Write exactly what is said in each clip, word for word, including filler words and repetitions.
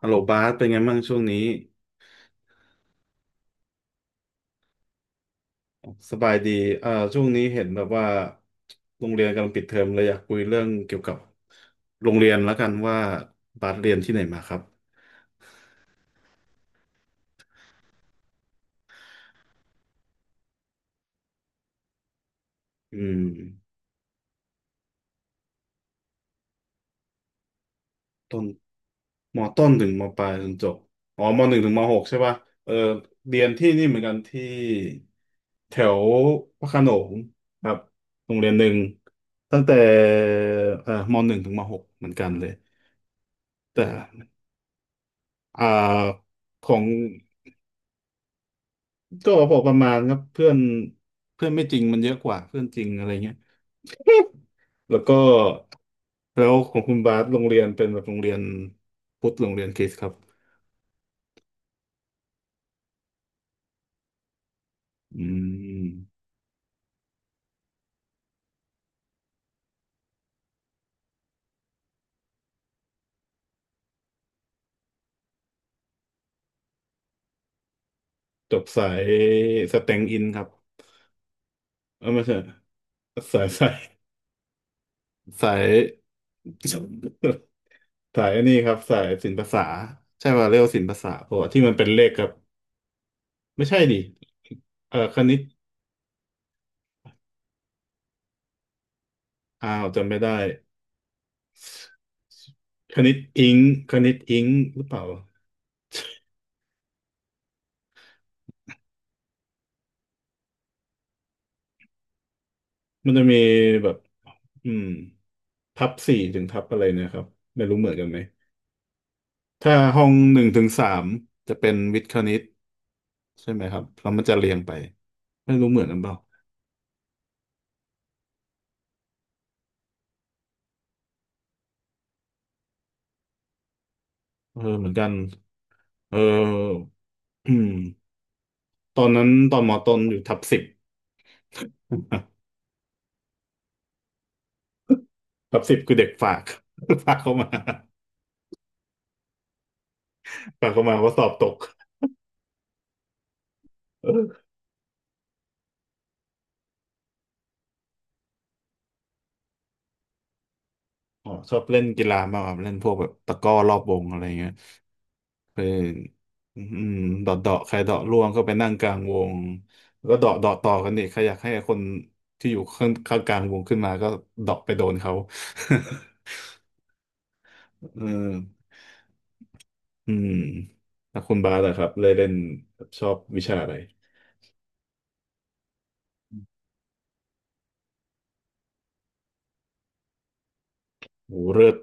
ฮัลโหลบาสเป็นไงบ้างช่วงนี้สบายดีเอ่อช่วงนี้เห็นแบบว่าโรงเรียนกำลังปิดเทอมเลยอยากคุยเรื่องเกี่ยวกับโรงเรียนแล้วกันว่าบาสเรียนที่ไหนมาครับอืมต้นมต้นถึงมปลายจนจบอ๋อมหนึ่งถึงมหกใช่ป่ะเออเรียนที่นี่เหมือนกันที่แถวพระโขนงครับโรงเรียนหนึ่งตั้งแต่เอ่อมหนึ่งถึงมหกเหมือนกันเลยแต่อ่าของ ก็พอประมาณครับเพื่อนเพื่อนไม่จริงมันเยอะกว่าเพื่อนจริงอะไรเงี้ย แล้วก็แล้วของคุณบาสโรงเรียนเป็นแบบโรงเรียนพุทธโรงเรียนคริสต์ครับอืมจบสายสแตงอินครับเออไม่ใช่สายสายสายสายอันนี้ครับสายศิลปศาสตร์ใช่ว่าเรียกว่าศิลปศาสตร์เพราะว่าที่มันเป็นเลขครับไม่ใช่ดิเออคณิตอ้าวจำไม่ได้คณิตอิงค์คณิตอิงค์หรือเปล่า มันจะมีแบบอืมทับสี่ถึงทับอะไรเนี่ยครับไม่รู้เหมือนกันไหมถ้าห้องหนึ่งถึงสามจะเป็นวิทย์คณิตใช่ไหมครับแล้วมันจะเรียงไปไม่รู้เหมือนกันเปล่าเออเหมือนกันเอออืมตอนนั้นตอนมอต้นอยู่ทับสิบ ทับสิบคือเด็กฝาก ฝากเข้ามา ฝากเข้ามาว่าสอบตก เอออ๋อชอบเล่นกีฬามากครับเล่นพวกแบบตะกร้อรอบวงอะไรเงี้ย ไปอืมเดาะเดาะใครเดาะร่วงก็ไปนั่งกลางวงแล้วก็เดาะเดาะต่อกันอีกใครอยากให้คนที่อยู่ข้างข้างกลางวงขึ้นมาก็เดาะไปโดนเขา เอออืมแล้วคุณบาสล่ะครับเลยเล่นชอบวิชาอะไรโอ้เลิศ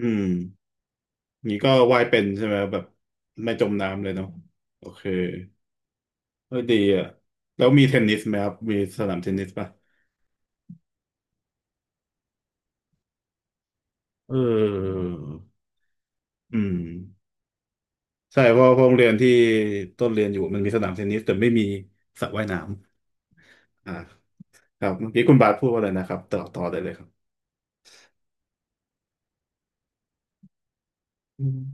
อืมนี่ก็ว่ายเป็นใช่ไหมแบบไม่จมน้ำเลยเนาะโอเคเออดีอ่ะแล้วมีเทนนิสไหมครับมีสนามเทนนิสป่ะเอออืม ใช่เพราะเพราะโรงเรียนที่ต้นเรียนอยู่มันมีสนามเทนนิสแต่ไม่มีสระว่ายน้ำอ่าครับเมื่อกี้คุณบาสพูดว่าอะไรนะครับต่อต่อได้เลยครับอืม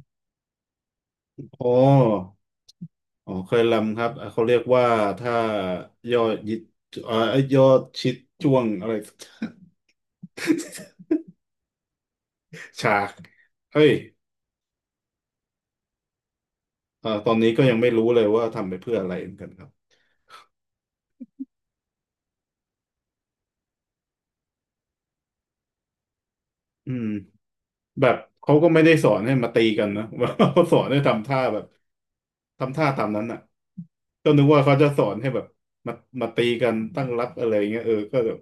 อ๋ออ๋อเคยลำครับอ่ะเขาเรียกว่าถ้ายอดยิดเอ่อยอดชิดจ้วงอะไร ฉากเฮ้ยเอ่อตอนนี้ก็ยังไม่รู้เลยว่าทำไปเพื่ออะไรเหมือนกันครับอืม แบบเขาก็ไม่ได้สอนให้มาตีกันนะว่าเขาสอนให้ทำท่าแบบทำท่าตามนั้นอ่ะก็นึกว่าเขาจะสอนให้แบบมามาตีกันตั้งรับอะไรเงี้ยเออก็แบบ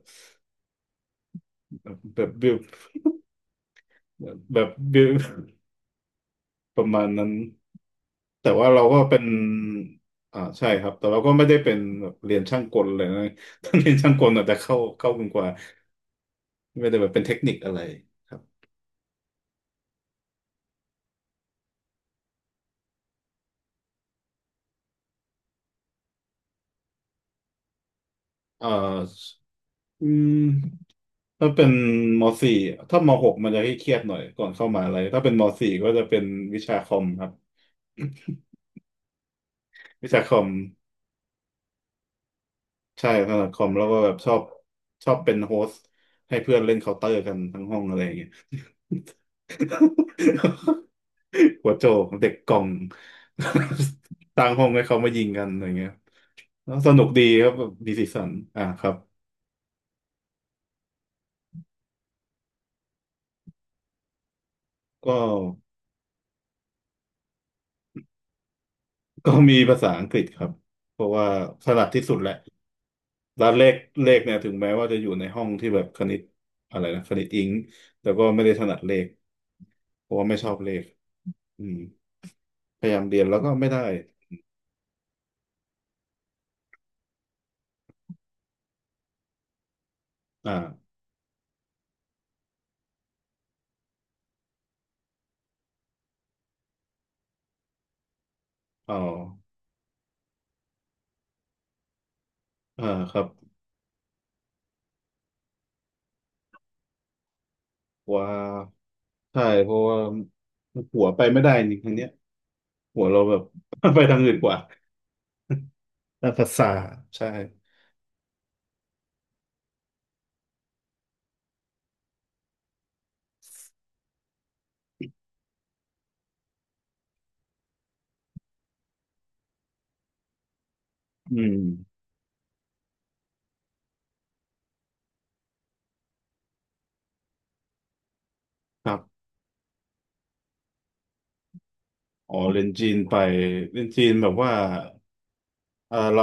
แบบบิวแบบบิว ประมาณนั้นแต่ว่าเราก็เป็นอ่าใช่ครับแต่เราก็ไม่ได้เป็นแบบเรียนช่างกลเลยนะ ถ้าเรียนช่างกลอาจจะเข้าเข้ากันกว่าไม่ได้แบบเป็นเทคนิคอะไรครับเอ่ออืม ถ้าเป็นมสี่ถ้ามหกมันจะให้เครียดหน่อยก่อนเข้ามหาอะไรถ้าเป็นมสี่ก็จะเป็นวิชาคอมครับ วิชาคอมใช่ถนัดคอมแล้วก็แบบชอบชอบเป็นโฮสต์ให้เพื่อนเล่นเคาน์เตอร์กันทั้งห้องอะไรอย่างเงี้ย หัวโจกเด็กกล่อง ตัางห้องให้เขามายิงกันอะไรเงี้ยแล้วสนุกดีครับแบบมีสีสันอ่าครับก็ก็มีภาษาอังกฤษครับเพราะว่าถนัดที่สุดแหละ แล้วเลขเลขเนี่ยถึงแม้ว่าจะอยู่ในห้องที่แบบคณิตอะไรนะคณิตอิงค์แต่ก็ไม่ได้ถนัดเลขเพราะว่าไม่ชอบเลขอืมพยายามเรียนแล้วก็ไม่ได้อ่าเอาอ่าครับว่าใช่เพราะว่าหัวไปไม่ได้นี่งรั้งเนี้ยหัวเราแบบ ไปทางอื่นกว่าด้านภาษาใช่อืมครับอ๋อเรียนจีนไปเรียนจีนแบบว่า เออเรา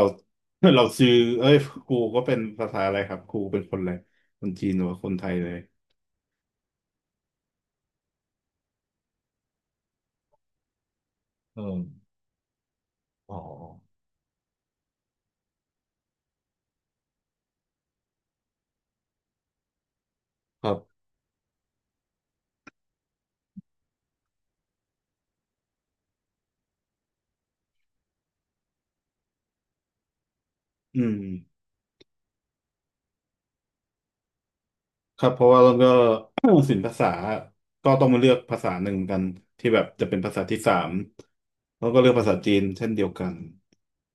เราซื้อเอ้ยครูก็เป็นภาษาอะไรครับครูเป็นคนอะไรคนจีนหรือว่าคนไทยเลยอืมอ๋อครับอืมครับเพราะว่าเราก็ ศิลปภาษาก็ต้องมาเลือกภาษาหนึ่งกันที่แบบจะเป็นภาษาที่สามแล้วก็เลือกภาษาจีนเช่นเดียวกัน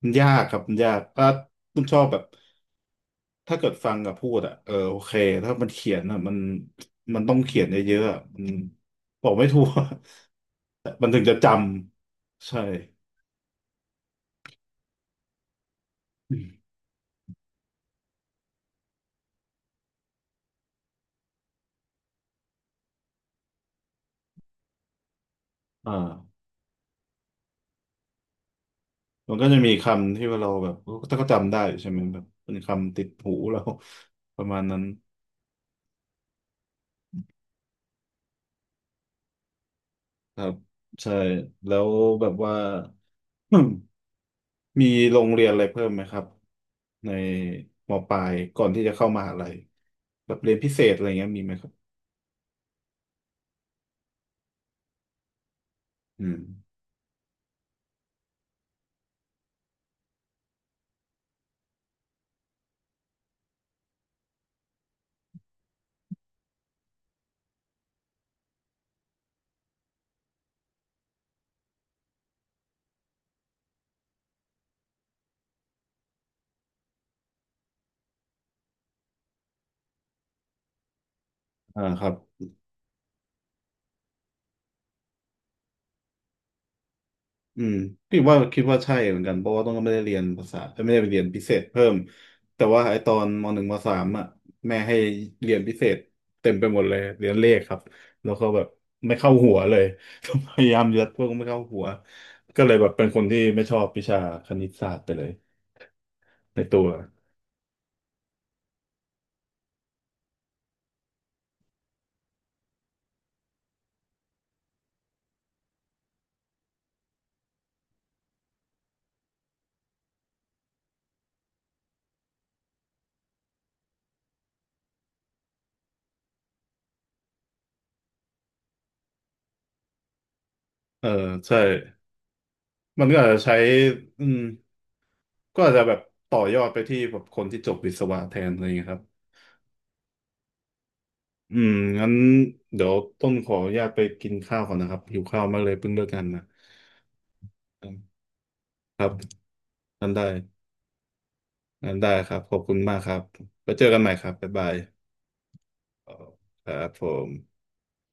มันยากครับมันยากถ้าคุณชอบแบบถ้าเกิดฟังกับพูดอ่ะเออโอเคถ้ามันเขียนอ่ะมันมันต้องเขียนเยอะๆอะมันบอกไม่ถูก มันถึงจะจำใช่ อ่ามันก็จะมีคำที่ว่าเราแบบก็ก็จำได้ใช่ไหมแบบเป็นคำติดหูเรา ประมาณนั้นครับใช่แล้วแบบว่า มีโรงเรียนอะไรเพิ่มไหมครับในมปลายก่อนที่จะเข้ามหาลัยแบบเรียนพิเศษอะไรเงี้ยมีไหมครับอืมอ่าครับ อืมพี่ว่าคิดว่าใช่เหมือนกันเพราะว่าต้องก็ไม่ได้เรียนภาษาไม่ได้ไปเรียนพิเศษเพิ่มแต่ว่าไอตอนมหนึ่งมสามอ่ะแม่ให้เรียนพิเศษเต็มไปหมดเลยเรียนเลขครับแล้วก็แบบไม่เข้าหัวเลย พยายามยัดพวกไม่เข้าหัวก็เลยแบบเป็นคนที่ไม่ชอบวิชาคณิตศาสตร์ไปเลยในตัวเออใช่มันก็อาจจะใช้อืมก็อาจจะแบบต่อยอดไปที่แบบคนที่จบวิศวะแทนอะไรอย่างเงี้ยครับ อืมงั้นเดี๋ยวต้นขออนุญาตไปกินข้าวก่อนนะครับหิวข้าวมากเลยเพิ่งเลิกงานมาครับงั้นได้งั้นได้ครับขอบคุณมากครับไปเจอกันใหม่ครับบ๊ายบายครับผม